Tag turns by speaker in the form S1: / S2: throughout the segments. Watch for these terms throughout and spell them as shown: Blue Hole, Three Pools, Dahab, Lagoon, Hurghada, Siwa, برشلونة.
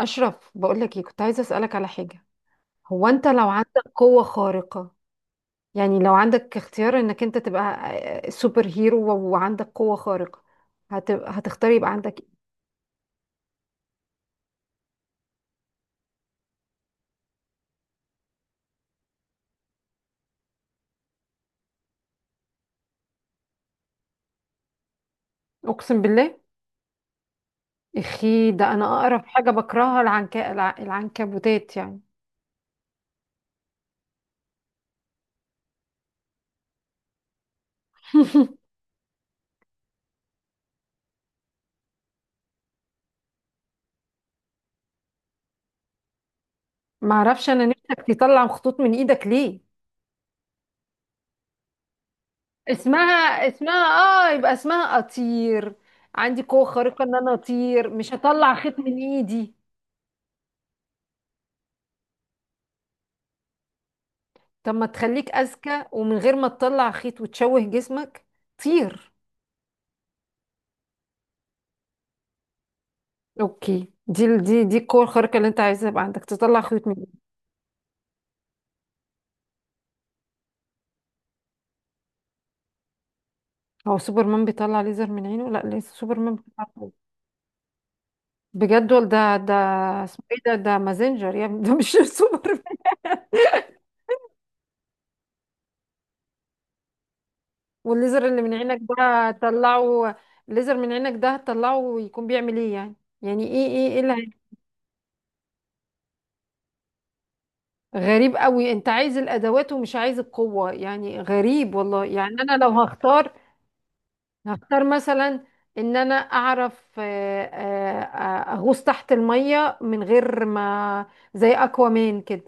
S1: أشرف، بقولك ايه، كنت عايزة أسألك على حاجة. هو أنت لو عندك قوة خارقة، يعني لو عندك اختيار إنك أنت تبقى سوبر هيرو وعندك قوة خارقة، هتبقى هتختار يبقى عندك ايه؟ أقسم بالله، اخي ده أنا أقرب حاجة بكرهها العنكبوتات يعني. معرفش أنا، نفسك تطلع خطوط من إيدك ليه؟ اسمها اه، يبقى اسمها أطير، عندي قوة خارقة إن أنا أطير، مش هطلع خيط من إيدي. طب ما تخليك اذكى ومن غير ما تطلع خيط وتشوه جسمك، طير. اوكي، دي ال- دي دي القوه الخارقه اللي انت عايزها يبقى عندك تطلع خيط من ايدك. هو سوبرمان بيطلع ليزر من عينه؟ لا، ليس سوبرمان بيطلع خيط. بجد؟ ولا ده اسمه ايه، ده مازنجر يا ابني، ده مش سوبرمان. والليزر اللي من عينك ده طلعه، الليزر من عينك ده هتطلعه يكون بيعمل ايه يعني؟ يعني ايه اللي غريب قوي، انت عايز الادوات ومش عايز القوه، يعني غريب والله. يعني انا لو هختار، هختار مثلا ان انا اعرف اغوص تحت المية من غير ما، زي اكوامان كده،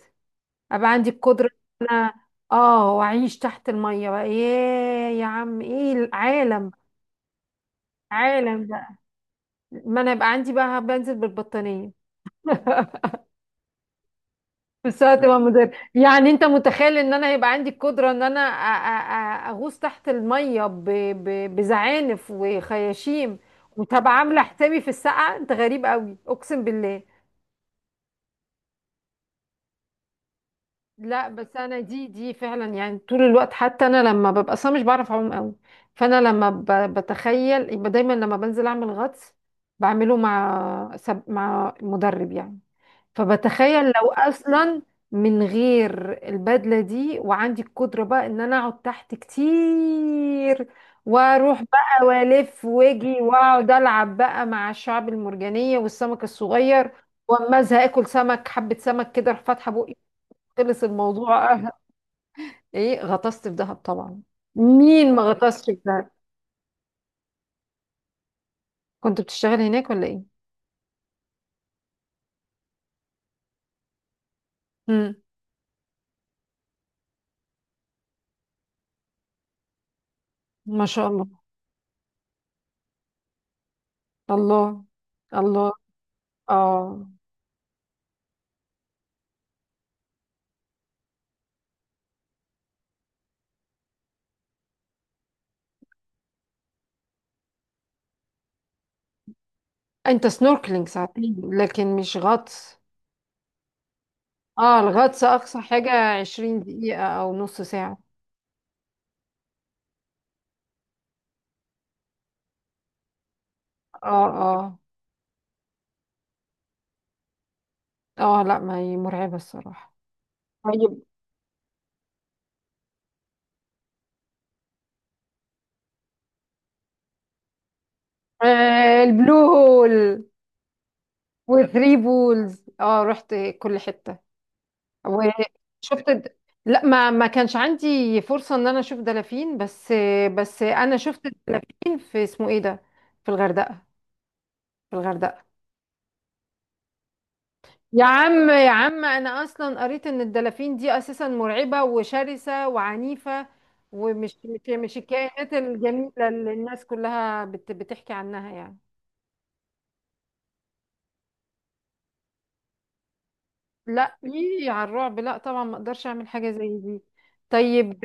S1: ابقى عندي القدرة ان انا، اه، واعيش تحت المية بقى. ياه يا عم، ايه العالم، عالم بقى. ما انا يبقى عندي بقى بنزل بالبطانية. بس هتبقى مدرب، يعني انت متخيل ان انا هيبقى عندي القدرة ان انا اغوص تحت المية بزعانف وخياشيم، وتبقى عاملة حسابي في السقعة. انت غريب قوي، اقسم بالله. لا بس انا دي فعلا يعني طول الوقت، حتى انا لما ببقى، اصلا مش بعرف اعوم قوي، فانا لما بتخيل يبقى دايما، لما بنزل اعمل غطس بعمله مع مع مدرب يعني. فبتخيل لو اصلا من غير البدله دي، وعندي القدره بقى ان انا اقعد تحت كتير، واروح بقى والف واجي واقعد العب بقى مع الشعب المرجانيه والسمك الصغير، واما ازهق اكل سمك، حبه سمك كده اروح فاتحه بقي، خلص الموضوع. أه. ايه، غطست في دهب طبعا، مين ما غطسش في دهب؟ كنت بتشتغل هناك ولا ايه؟ امم. ما شاء الله. الله، الله. اه، انت سنوركلينج ساعتين لكن مش غطس، اه، الغطس اقصى حاجة عشرين دقيقة او نص ساعة. اه اه اه، لا، ما هي مرعبة الصراحة. طيب. آه، البلو هول وثري بولز، اه رحت كل حتة. وشفت لا، ما كانش عندي فرصة ان انا اشوف دلافين، بس بس انا شفت الدلافين في اسمه ايه ده، في الغردقة، في الغردقة. يا عم، يا عم، انا اصلا قريت ان الدلافين دي اساسا مرعبة وشرسة وعنيفة، ومش مش الكائنات الجميلة اللي الناس كلها بتحكي عنها يعني. لا ايه على الرعب، لا طبعا ما اقدرش اعمل حاجة زي دي. طيب.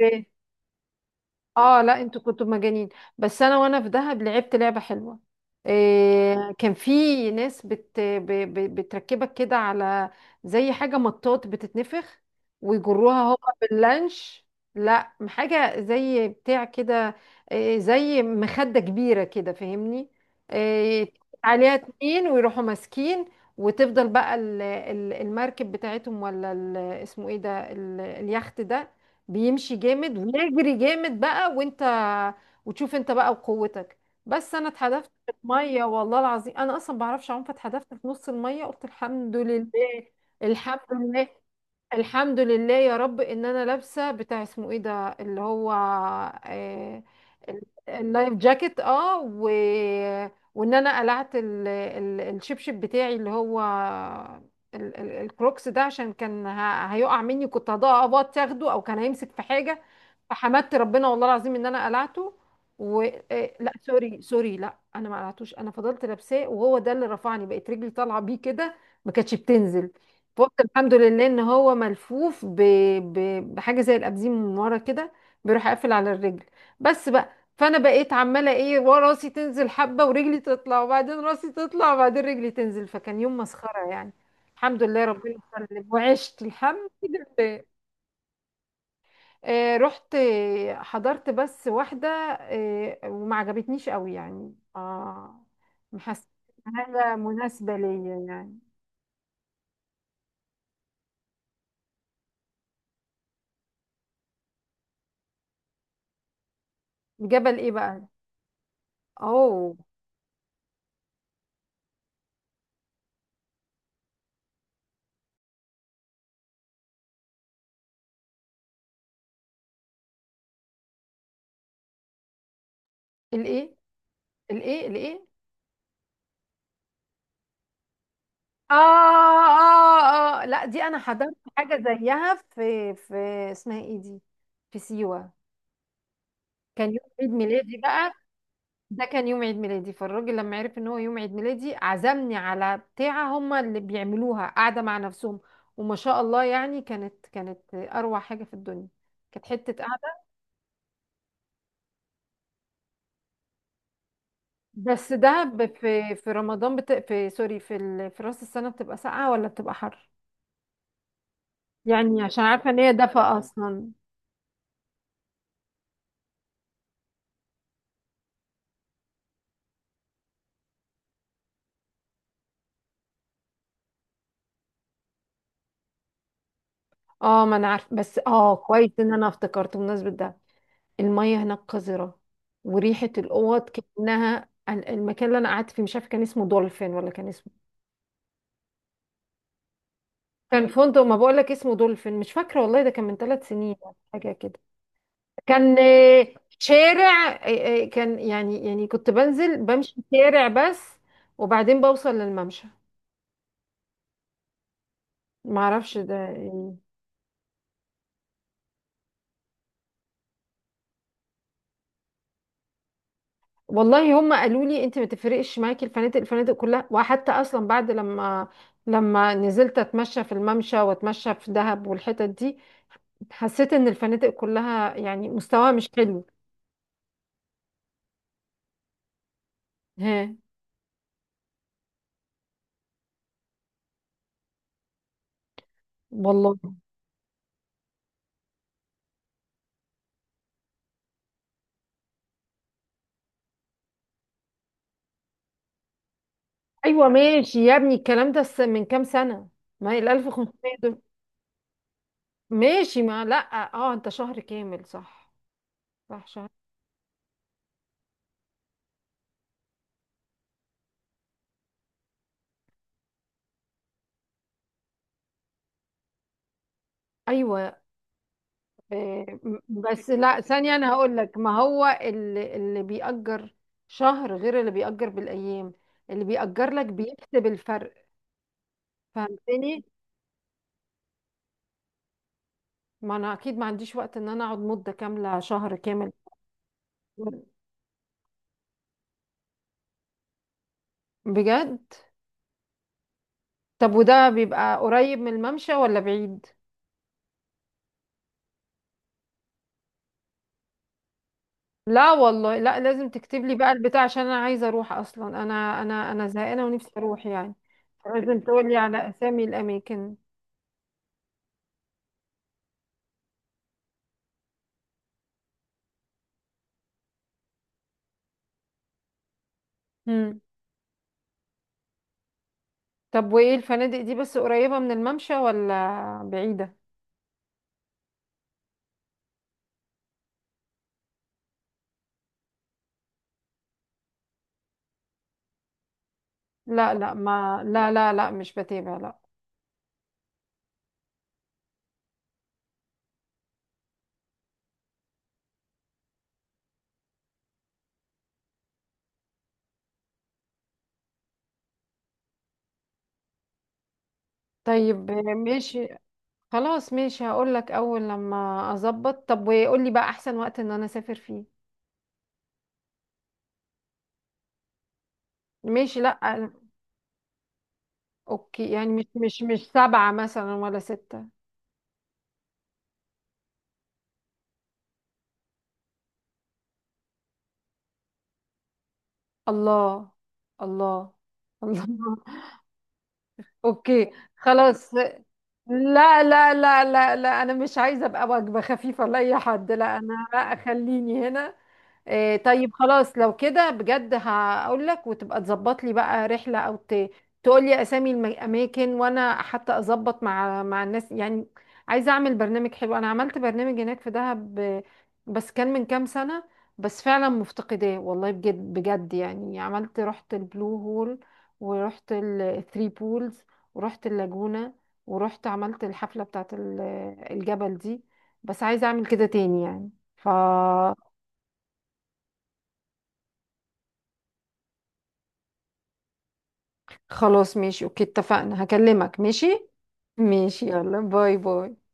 S1: اه، لا، انتوا كنتوا مجانين. بس انا، وانا في دهب، لعبت لعبة حلوة، إيه، كان في ناس بتركبك كده على زي حاجة مطاط بتتنفخ، ويجروها هما باللانش، لا حاجة زي بتاع كده، إيه، زي مخدة كبيرة كده، فاهمني؟ إيه، عليها اتنين ويروحوا ماسكين، وتفضل بقى المركب بتاعتهم، ولا اسمه ايه ده، اليخت ده، بيمشي جامد ويجري جامد بقى، وانت، وتشوف انت بقى وقوتك. بس انا اتحدفت في الميه، والله العظيم انا اصلا بعرفش اعوم، فاتحدفت في نص الميه، قلت الحمد لله. الحمد لله. الحمد لله يا رب ان انا لابسه بتاع اسمه ايه ده، اللي هو، آه، ال- اللايف جاكيت، اه، وان انا قلعت الشبشب بتاعي اللي هو الكروكس ده، عشان كان هيقع مني، كنت هضبط تاخده، او كان هيمسك في حاجه، فحمدت ربنا والله العظيم ان انا قلعته. و... آه، لا سوري سوري، لا انا ما قلعتوش، انا فضلت لابساه وهو ده اللي رفعني، بقت رجلي طالعه بيه كده، ما كانتش بتنزل، فقلت الحمد لله ان هو ملفوف ب... بحاجه زي الابزيم من ورا كده، بيروح قافل على الرجل، بس بقى. فانا بقيت عماله ايه، ورا راسي تنزل حبه ورجلي تطلع، وبعدين راسي تطلع وبعدين رجلي تنزل، فكان يوم مسخره يعني. الحمد لله ربنا سلم وعشت الحمد لله. آه رحت، حضرت بس واحده، آه، وما عجبتنيش قوي يعني، اه، محس حاجه مناسبه ليا يعني. جبل ايه بقى؟ اوه. الايه؟ الايه؟ الايه؟ آه، اه اه، لا دي انا حضرت حاجه زيها في اسمها ايه دي، في سيوه، كان يوم عيد ميلادي بقى، ده كان يوم عيد ميلادي، فالراجل لما عرف ان هو يوم عيد ميلادي عزمني على بتاعه هما اللي بيعملوها قاعده مع نفسهم، وما شاء الله يعني، كانت اروع حاجه في الدنيا، كانت حته قاعده. بس ده في رمضان، في سوري في راس السنه بتبقى ساقعه ولا بتبقى حر؟ يعني عشان عارفه ان هي دفا اصلا. اه ما انا عارفه، بس اه، كويس ان انا افتكرت بمناسبة ده، المية هناك قذرة، وريحة الاوض كأنها، المكان اللي انا قعدت فيه، مش عارفه كان اسمه دولفين، ولا كان اسمه، كان فندق، ما بقول لك اسمه دولفين مش فاكرة والله، ده كان من ثلاث سنين ولا حاجة كده. كان شارع، كان يعني، يعني كنت بنزل بمشي شارع بس، وبعدين بوصل للممشى، ما اعرفش ده يعني. والله هم قالوا لي انت ما تفرقش معاكي الفنادق، الفنادق كلها، وحتى اصلا بعد لما، لما نزلت اتمشى في الممشى واتمشى في دهب والحتت دي، حسيت ان الفنادق كلها يعني مستواها مش حلو. ها. والله. ايوه ماشي يا ابني، الكلام ده من كام سنه، ما هي ال 1500 دول، ماشي ما لا، اه انت شهر كامل صح؟ صح، شهر، ايوه. إيه، بس لا ثانية، أنا هقول لك، ما هو اللي بيأجر شهر غير اللي بيأجر بالأيام، اللي بيأجر لك بيكسب الفرق، فهمتني؟ ما أنا أكيد ما عنديش وقت إن أنا أقعد مدة كاملة شهر كامل. بجد؟ طب وده بيبقى قريب من الممشى ولا بعيد؟ لا والله، لا، لازم تكتب لي بقى البتاع، عشان أنا عايزة أروح، أصلا أنا زهقانة ونفسي أروح يعني. لازم تقول لي على أسامي الأماكن. طب وايه الفنادق دي، بس قريبة من الممشى ولا بعيدة؟ لا لا، ما لا لا لا، مش بتابع، لا. طيب ماشي. خلاص ماشي، هقول لك اول لما اظبط. طب وقول لي بقى احسن وقت ان انا اسافر فيه. ماشي، لا. اوكي، يعني مش مش سبعة مثلا ولا ستة؟ الله، الله، الله. اوكي، خلاص. لا لا لا لا لا، انا مش عايزه ابقى وجبه خفيفه لاي حد، لا انا، لا، خليني هنا. إيه طيب خلاص، لو كده بجد هقول لك، وتبقى تظبط لي بقى رحله او تقول لي اسامي الاماكن، وانا حتى اظبط مع الناس يعني، عايزه اعمل برنامج حلو، انا عملت برنامج هناك في دهب، آه، بس كان من كام سنه، بس فعلا مفتقداه والله، بجد بجد يعني، عملت، رحت البلو هول، ورحت الثري بولز، ورحت اللاجونة، ورحت عملت الحفلة بتاعت الجبل دي، بس عايزة اعمل كده تاني يعني. ف، خلاص ماشي، اوكي اتفقنا، هكلمك، ماشي. ماشي، يلا باي باي.